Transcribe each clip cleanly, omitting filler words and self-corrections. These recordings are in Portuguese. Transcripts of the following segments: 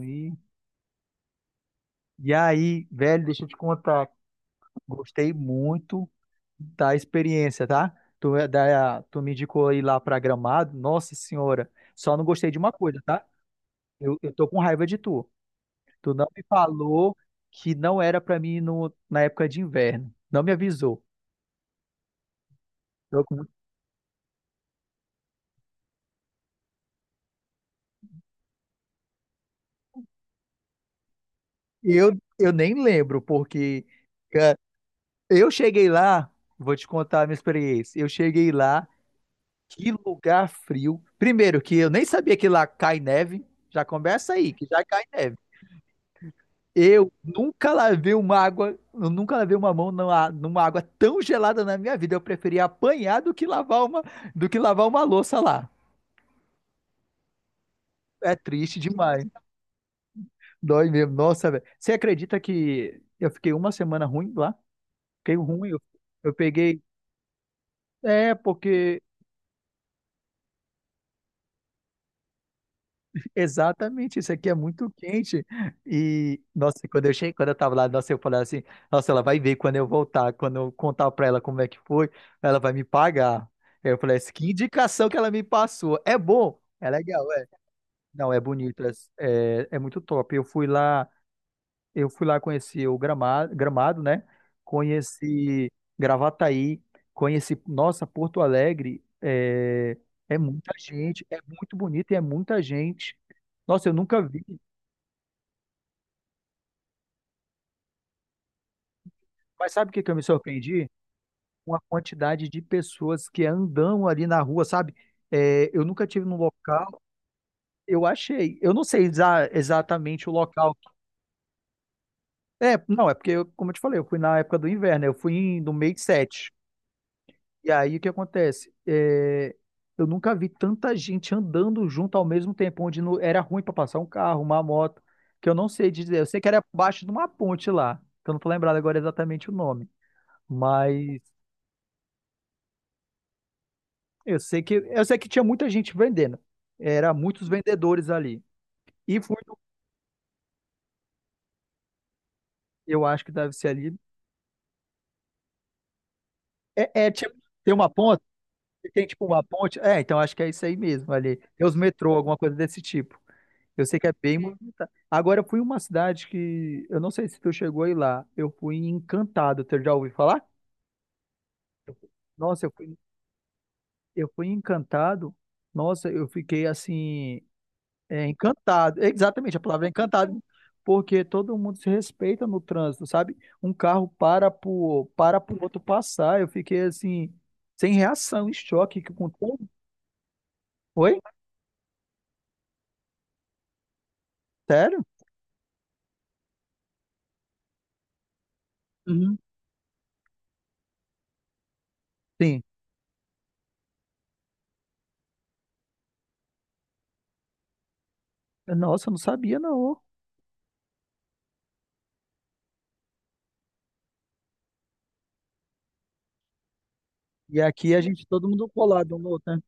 E, e aí, velho, deixa eu te contar. Gostei muito da experiência, tá? Tu me indicou ir lá pra Gramado. Nossa senhora, só não gostei de uma coisa, tá? Eu tô com raiva de tu. Tu não me falou que não era pra mim ir no, na época de inverno. Não me avisou. Eu, eu nem lembro, porque cara, eu cheguei lá, vou te contar a minha experiência. Eu cheguei lá. Que lugar frio. Primeiro, que eu nem sabia que lá cai neve. Já começa aí, que já cai neve. Eu nunca lavei uma mão numa água tão gelada na minha vida. Eu preferia apanhar do que lavar uma louça lá. É triste demais. Dói mesmo. Nossa, velho. Você acredita que eu fiquei uma semana ruim lá? Fiquei ruim. Eu peguei. É, porque. Exatamente, isso aqui é muito quente. E, nossa, quando eu cheguei, quando eu tava lá, nossa, eu falei assim, nossa, ela vai ver quando eu voltar, quando eu contar pra ela como é que foi, ela vai me pagar. Eu falei assim, que indicação que ela me passou. É bom, é legal, é. Não, é bonito, é muito top. Eu fui lá. Eu fui lá conhecer o Gramado, Gramado, né? Conheci Gravataí, conheci, nossa, Porto Alegre. É, é muita gente, é muito bonito e é muita gente. Nossa, eu nunca vi. Mas sabe o que que eu me surpreendi? Uma quantidade de pessoas que andam ali na rua, sabe? É, eu nunca tive num local, eu achei. Eu não sei exatamente o local. É, não, é porque, como eu te falei, eu fui na época do inverno, eu fui no mês 7. E aí o que acontece? É, eu nunca vi tanta gente andando junto ao mesmo tempo, onde era ruim para passar um carro, uma moto, que eu não sei dizer. Eu sei que era abaixo de uma ponte lá, que eu não tô lembrado agora exatamente o nome, mas eu sei que tinha muita gente vendendo. Era muitos vendedores ali. E fui, eu acho que deve ser ali. É, é tipo, tem uma ponte, tem tipo uma ponte. É, então acho que é isso aí mesmo ali. Tem os metrô, alguma coisa desse tipo. Eu sei que é bem movimentado. Agora, eu fui em uma cidade que. Eu não sei se tu chegou aí lá. Eu fui em Encantado. Tu já ouviu falar? Nossa, eu fui em encantado. Nossa, eu fiquei assim. É, encantado. Exatamente, a palavra é encantado. Porque todo mundo se respeita no trânsito, sabe? Um carro para pro outro passar. Eu fiquei assim. Sem reação, em choque com tudo. Oi? Sério? Uhum. Sim. Nossa, eu não sabia, não. E aqui a gente, todo mundo colado um no outro, né?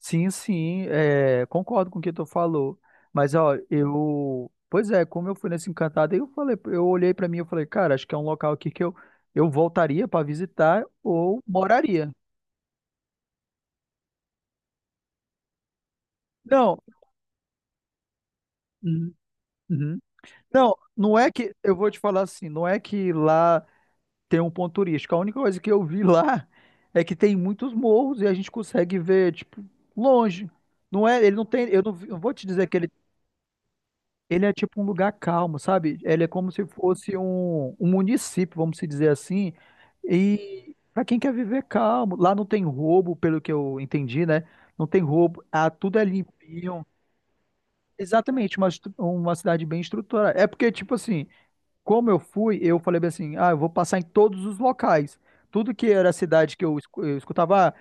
Sim, sim, é, concordo com o que tu falou. Mas, ó, eu. Pois é, como eu fui nesse encantado, aí eu falei, eu olhei pra mim e falei, cara, acho que é um local aqui que eu voltaria pra visitar ou moraria. Não, uhum, uhum. Não, não é que. Eu vou te falar assim, não é que lá tem um ponto turístico. A única coisa que eu vi lá é que tem muitos morros e a gente consegue ver, tipo, longe. Não é, ele não tem. Eu não, vi- Eu vou te dizer que ele. Ele é tipo um lugar calmo, sabe? Ele é como se fosse um município, vamos se dizer assim. E para quem quer viver calmo, lá não tem roubo, pelo que eu entendi, né? Não tem roubo, ah, tudo é limpinho. Exatamente, uma cidade bem estruturada. É porque, tipo assim, como eu fui, eu falei bem assim, ah, eu vou passar em todos os locais. Tudo que era cidade que eu escutava, ah,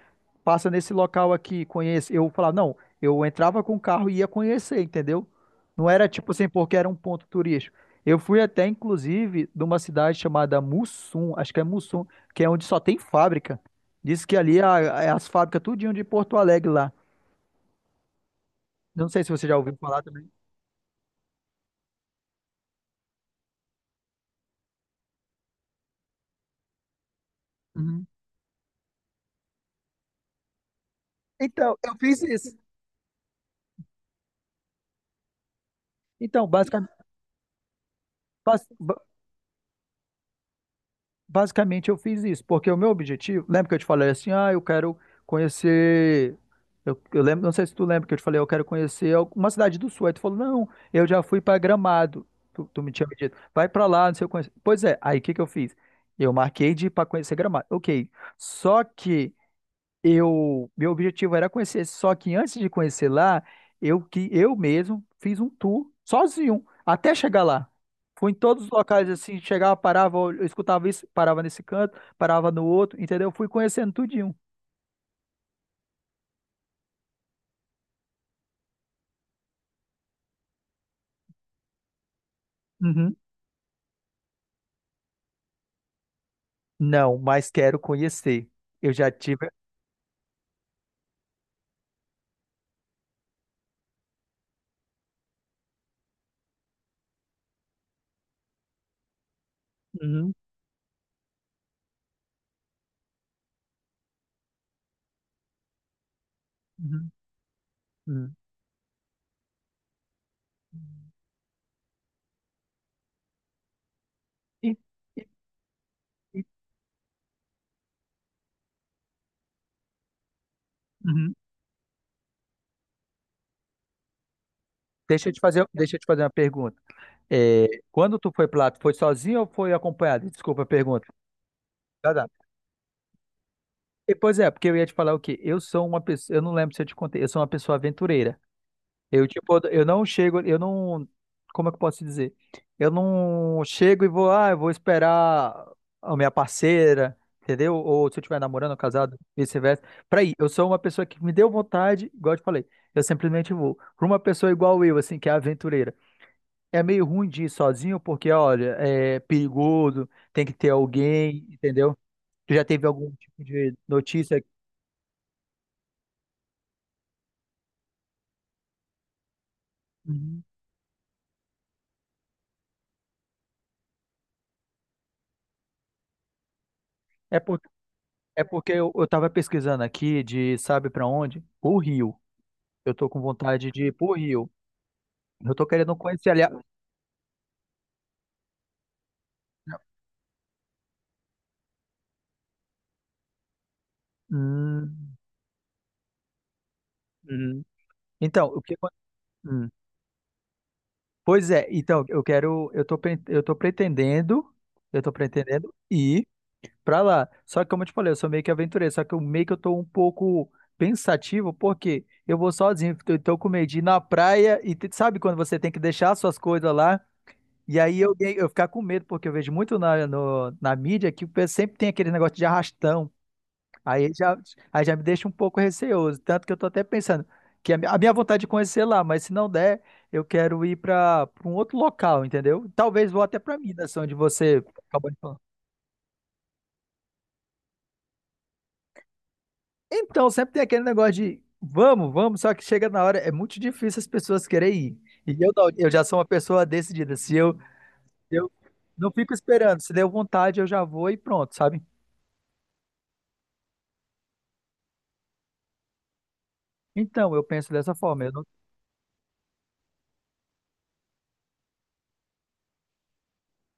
passa nesse local aqui, conhece. Eu falava, não, eu entrava com o carro e ia conhecer, entendeu? Não era tipo assim, porque era um ponto turístico. Eu fui até, inclusive, de uma cidade chamada Mussum, acho que é Mussum, que é onde só tem fábrica. Diz que ali é as fábricas tudinho de Porto Alegre lá. Não sei se você já ouviu falar também. Uhum. Então, eu fiz isso. Então, basicamente eu fiz isso, porque o meu objetivo, lembra que eu te falei assim, ah, eu quero conhecer, eu lembro, não sei se tu lembra que eu te falei, eu quero conhecer uma cidade do sul, aí tu falou, não, eu já fui para Gramado, tu me tinha dito, vai para lá, não sei o que, pois é, aí o que que eu fiz? Eu marquei de ir para conhecer Gramado, ok, só que meu objetivo era conhecer, só que antes de conhecer lá, eu que eu mesmo fiz um tour sozinho até chegar lá. Fui em todos os locais assim, chegava, parava, eu escutava isso, parava nesse canto, parava no outro, entendeu? Fui conhecendo tudinho. Uhum. Não, mas quero conhecer. Eu já tive. Uhum, uhum, uhum. E- e- e- uhum. Deixa eu te fazer uma pergunta. É, quando tu foi para lá, tu foi sozinho ou foi acompanhado? Desculpa a pergunta. Tá, tá. Pois é, porque eu ia te falar o quê? Eu sou uma pessoa, eu não lembro se eu te contei, eu sou uma pessoa aventureira. Eu, tipo, eu não chego, eu não, como é que eu posso dizer? Eu não chego e vou, ah, eu vou esperar a minha parceira, entendeu? Ou se eu estiver namorando, casado, vice-versa. Pra ir, eu sou uma pessoa que me deu vontade, igual eu te falei, eu simplesmente vou. Pra uma pessoa igual eu, assim, que é aventureira. É meio ruim de ir sozinho, porque, olha, é perigoso, tem que ter alguém, entendeu? Tu já teve algum tipo de notícia? Uhum. É, por, é porque eu tava pesquisando aqui de sabe pra onde? O Rio. Eu tô com vontade de ir pro Rio. Eu tô querendo conhecer ali. Hum, hum. Então, o que. Hum. Pois é, então, eu quero. Eu tô pretendendo. Eu tô pretendendo ir pra lá. Só que, como eu te falei, eu sou meio que aventureiro. Só que eu meio que eu tô um pouco pensativo, porque eu vou sozinho. Eu tô com medo de ir na praia e sabe quando você tem que deixar suas coisas lá? E aí eu ficar com medo, porque eu vejo muito na, no- na mídia que o pessoal sempre tem aquele negócio de arrastão. Aí já, aí já me deixa um pouco receoso. Tanto que eu tô até pensando que a minha vontade de conhecer lá, mas se não der, eu quero ir para um outro local, entendeu? Talvez vou até para Minas, onde você acabou de falar. Então, sempre tem aquele negócio de vamos, vamos, só que chega na hora, é muito difícil as pessoas querem ir. E eu, não, eu já sou uma pessoa decidida. Se eu, eu não fico esperando, se deu vontade, eu já vou e pronto, sabe? Então, eu penso dessa forma. Eu não-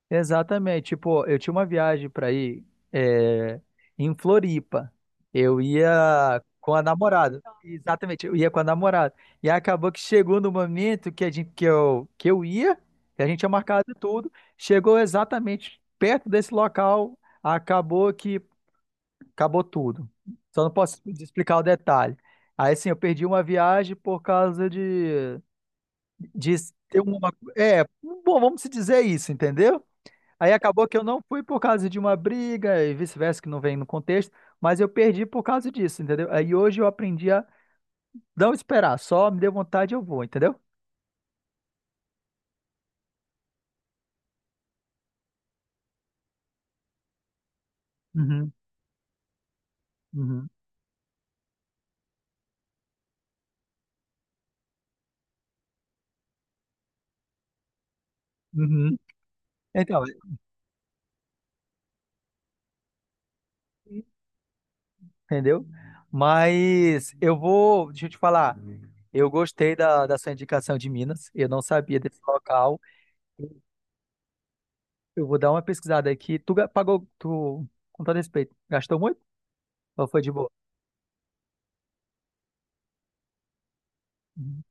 Exatamente. Tipo, eu tinha uma viagem para ir é, em Floripa. Eu ia com a namorada. Exatamente, eu ia com a namorada. E acabou que chegou no momento que, a gente, que eu ia, que a gente tinha marcado tudo. Chegou exatamente perto desse local, acabou que acabou tudo. Só não posso explicar o detalhe. Aí, assim, eu perdi uma viagem por causa de ter uma. É, bom, vamos se dizer isso, entendeu? Aí acabou que eu não fui por causa de uma briga e vice-versa, que não vem no contexto, mas eu perdi por causa disso, entendeu? Aí hoje eu aprendi a não esperar, só me deu vontade eu vou, entendeu? Uhum, uhum. Uhum. Então, entendeu? Mas eu vou, deixa eu te falar, eu gostei da sua indicação de Minas, eu não sabia desse local, eu vou dar uma pesquisada aqui. Tu pagou, tu, com todo respeito, gastou muito ou foi de boa? Uhum.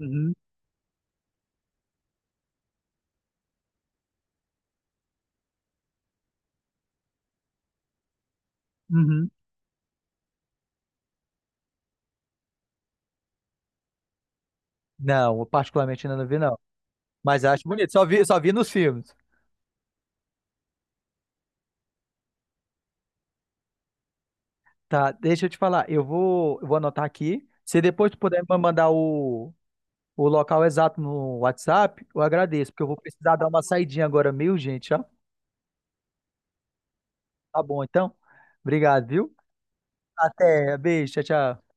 Uhum, uhum. Não, eu particularmente ainda não vi, não. Mas acho bonito. Só vi nos filmes. Tá, deixa eu te falar. Eu vou anotar aqui. Se depois tu puder me mandar o local exato no WhatsApp, eu agradeço, porque eu vou precisar dar uma saidinha agora meio, gente, ó. Tá bom, então. Obrigado, viu? Até. Beijo, tchau, tchau.